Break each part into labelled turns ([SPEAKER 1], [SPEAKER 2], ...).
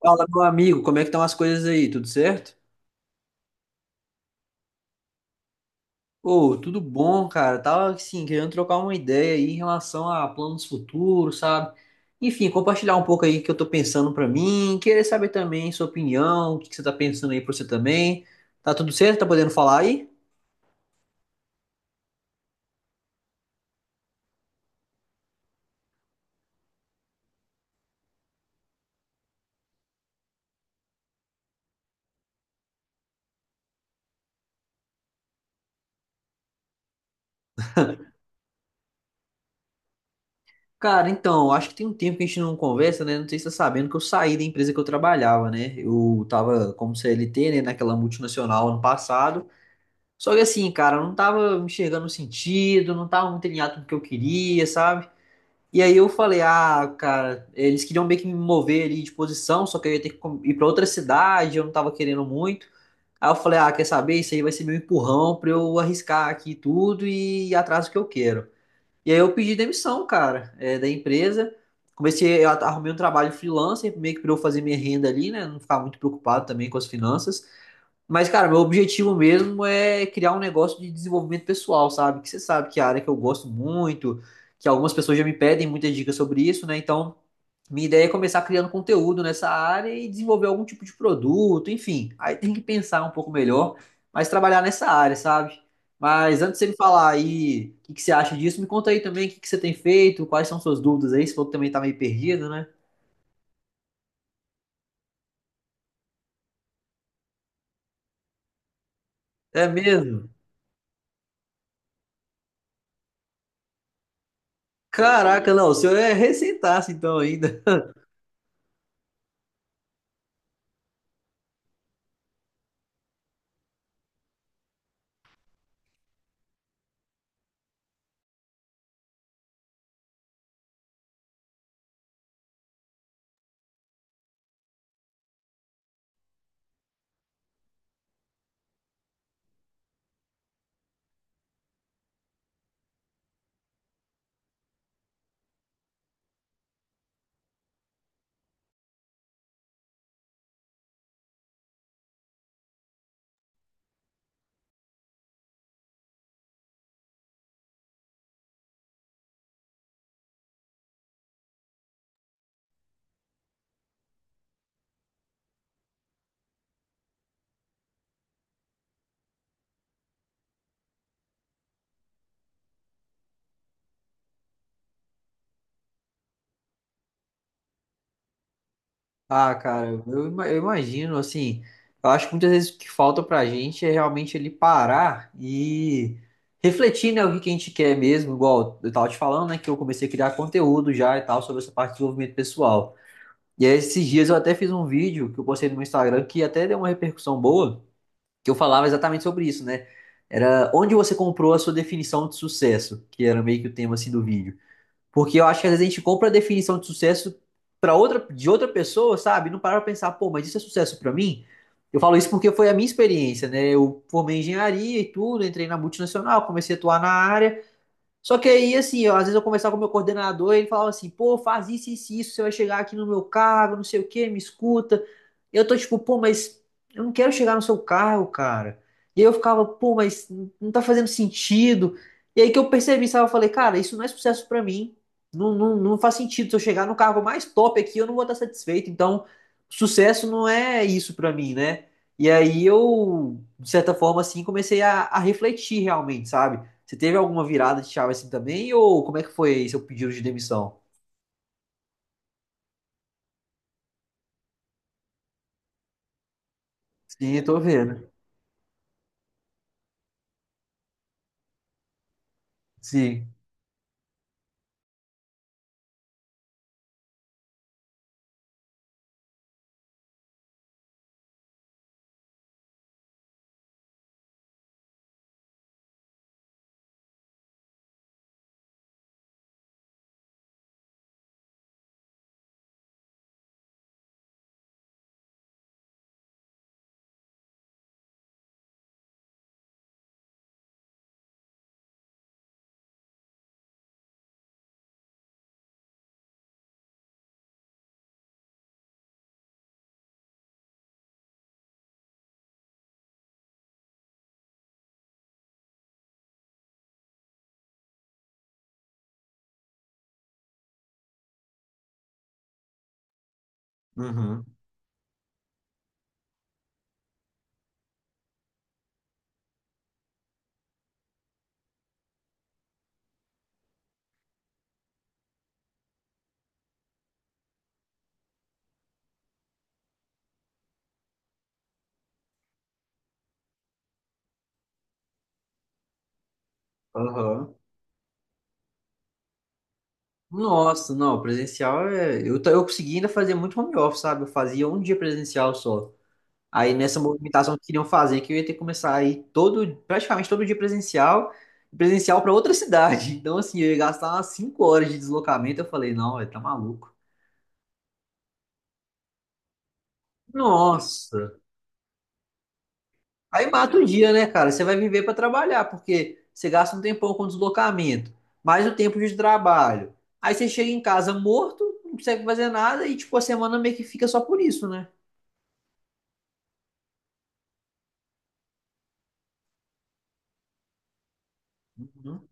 [SPEAKER 1] Fala, meu amigo, como é que estão as coisas aí? Tudo certo? Ô, tudo bom, cara. Tava assim, querendo trocar uma ideia aí em relação a planos futuros, sabe? Enfim, compartilhar um pouco aí o que eu tô pensando pra mim, querer saber também sua opinião, o que que você tá pensando aí pra você também. Tá tudo certo? Tá podendo falar aí? Cara, então, acho que tem um tempo que a gente não conversa, né? Não sei se você tá sabendo que eu saí da empresa que eu trabalhava, né? Eu tava como CLT, né, naquela multinacional ano passado. Só que assim, cara, eu não tava enxergando o sentido, não tava muito alinhado com o que eu queria, sabe? E aí eu falei, ah, cara, eles queriam meio que me mover ali de posição, só que eu ia ter que ir pra outra cidade, eu não tava querendo muito. Aí eu falei, ah, quer saber? Isso aí vai ser meu empurrão pra eu arriscar aqui tudo e ir atrás do que eu quero. E aí eu pedi demissão, cara, é, da empresa. Comecei, eu arrumei um trabalho freelancer, meio que pra eu fazer minha renda ali, né? Não ficar muito preocupado também com as finanças. Mas, cara, meu objetivo mesmo é criar um negócio de desenvolvimento pessoal, sabe? Que você sabe que é a área que eu gosto muito, que algumas pessoas já me pedem muitas dicas sobre isso, né? Então, minha ideia é começar criando conteúdo nessa área e desenvolver algum tipo de produto, enfim. Aí tem que pensar um pouco melhor, mas trabalhar nessa área, sabe? Mas antes de você me falar aí o que que você acha disso, me conta aí também o que que você tem feito, quais são suas dúvidas aí, se falou que também tá meio perdido, né? É mesmo? Caraca, não, o senhor é recém-taço então ainda. Ah, cara, eu, eu imagino, assim, eu acho que muitas vezes o que falta pra gente é realmente ele parar e refletir, né, o que que a gente quer mesmo, igual eu tava te falando, né, que eu comecei a criar conteúdo já e tal sobre essa parte de desenvolvimento pessoal. E aí, esses dias eu até fiz um vídeo que eu postei no meu Instagram que até deu uma repercussão boa, que eu falava exatamente sobre isso, né? Era onde você comprou a sua definição de sucesso, que era meio que o tema assim do vídeo. Porque eu acho que às vezes a gente compra a definição de sucesso para outra, de outra pessoa, sabe? Não parar pra pensar, pô, mas isso é sucesso para mim? Eu falo isso porque foi a minha experiência, né? Eu formei em engenharia e tudo, entrei na multinacional, comecei a atuar na área, só que aí, assim, eu, às vezes eu conversava com o meu coordenador e ele falava assim, pô, faz isso, isso, isso, você vai chegar aqui no meu cargo, não sei o quê, me escuta. Eu tô tipo, pô, mas eu não quero chegar no seu cargo, cara. E aí eu ficava, pô, mas não tá fazendo sentido. E aí que eu percebi, sabe, eu falei, cara, isso não é sucesso pra mim. Não, não, não faz sentido. Se eu chegar no cargo mais top aqui, eu não vou estar satisfeito. Então, sucesso não é isso pra mim, né? E aí eu, de certa forma, assim, comecei a refletir realmente, sabe? Você teve alguma virada de chave assim também? Ou como é que foi seu pedido de demissão? Sim, tô vendo. Sim. Uhum. Aham. Nossa, não, presencial é. Eu, eu consegui ainda fazer muito home office, sabe? Eu fazia um dia presencial só. Aí nessa movimentação que queriam fazer, que eu ia ter que começar a ir todo, praticamente todo dia presencial, presencial para outra cidade. Então, assim, eu ia gastar umas 5 horas de deslocamento. Eu falei, não, velho, tá maluco. Nossa. Aí mata o dia, né, cara? Você vai viver para trabalhar, porque você gasta um tempão com deslocamento, mais o tempo de trabalho. Aí você chega em casa morto, não consegue fazer nada e, tipo, a semana meio que fica só por isso, né? Uhum.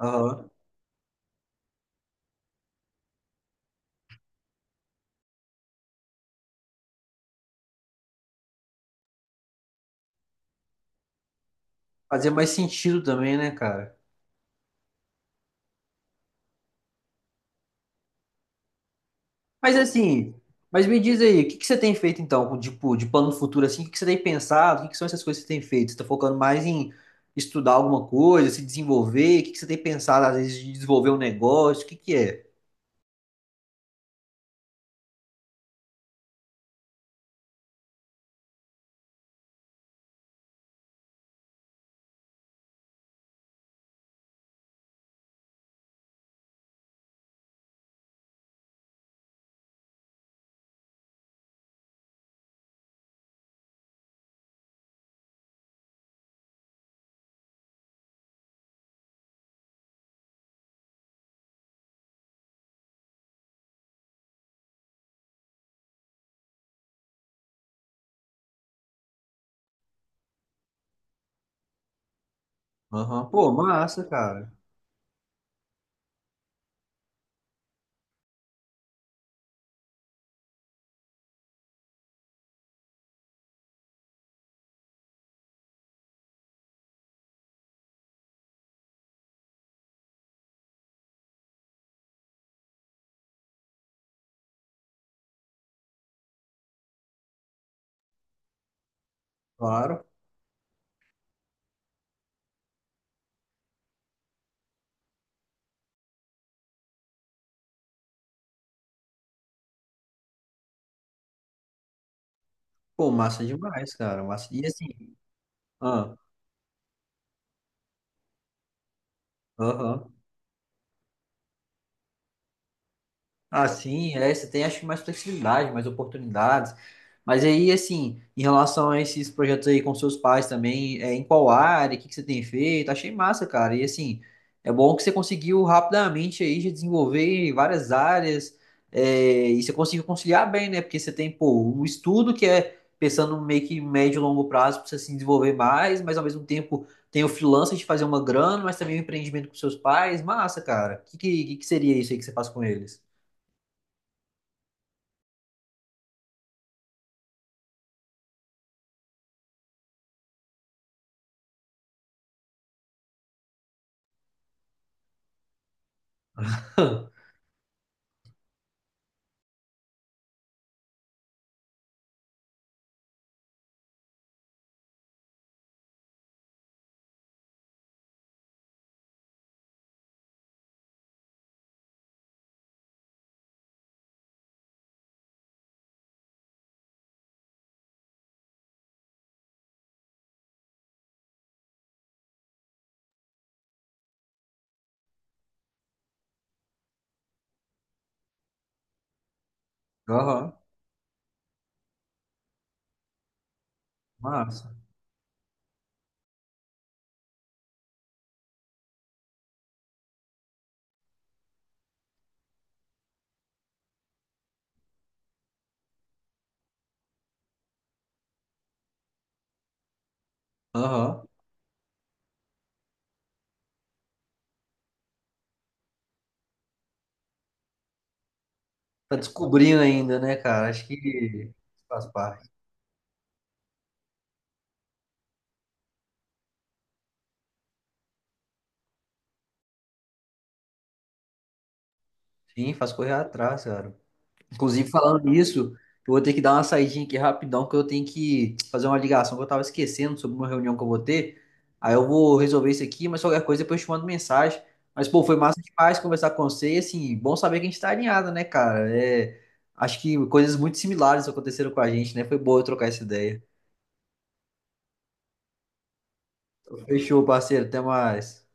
[SPEAKER 1] Aham. Fazer mais sentido também, né, cara? Mas assim, mas me diz aí, o que que você tem feito então, com, tipo, de plano futuro assim? O que que você tem pensado? O que que são essas coisas que você tem feito? Você tá focando mais em estudar alguma coisa, se desenvolver? O que que você tem pensado, às vezes, de desenvolver um negócio? O que que é? Aham, pô, massa, cara. Claro. Pô, massa demais, cara. Massa. E assim, ah, aham, assim, é, você tem acho que mais flexibilidade, mais oportunidades. Mas aí, assim, em relação a esses projetos aí com seus pais também, é, em qual área, o que que você tem feito? Achei massa, cara. E assim, é bom que você conseguiu rapidamente aí já desenvolver várias áreas, é, e você conseguiu conciliar bem, né? Porque você tem, pô, o estudo que é pensando meio que médio e longo prazo para você se desenvolver mais, mas ao mesmo tempo tem o freelancer de fazer uma grana, mas também o empreendimento com seus pais. Massa, cara. O que que seria isso aí que você faz com eles? Hã. Aham, massa. Aham. Tá descobrindo ainda, né, cara? Acho que faz parte. Sim, faz correr atrás, cara. Inclusive, falando nisso, eu vou ter que dar uma saidinha aqui rapidão, que eu tenho que fazer uma ligação que eu tava esquecendo sobre uma reunião que eu vou ter. Aí eu vou resolver isso aqui, mas qualquer coisa depois eu te mando mensagem. Mas, pô, foi massa demais conversar com você e, assim, bom saber que a gente tá alinhado, né, cara? É, acho que coisas muito similares aconteceram com a gente, né? Foi boa eu trocar essa ideia. Então, fechou, parceiro. Até mais.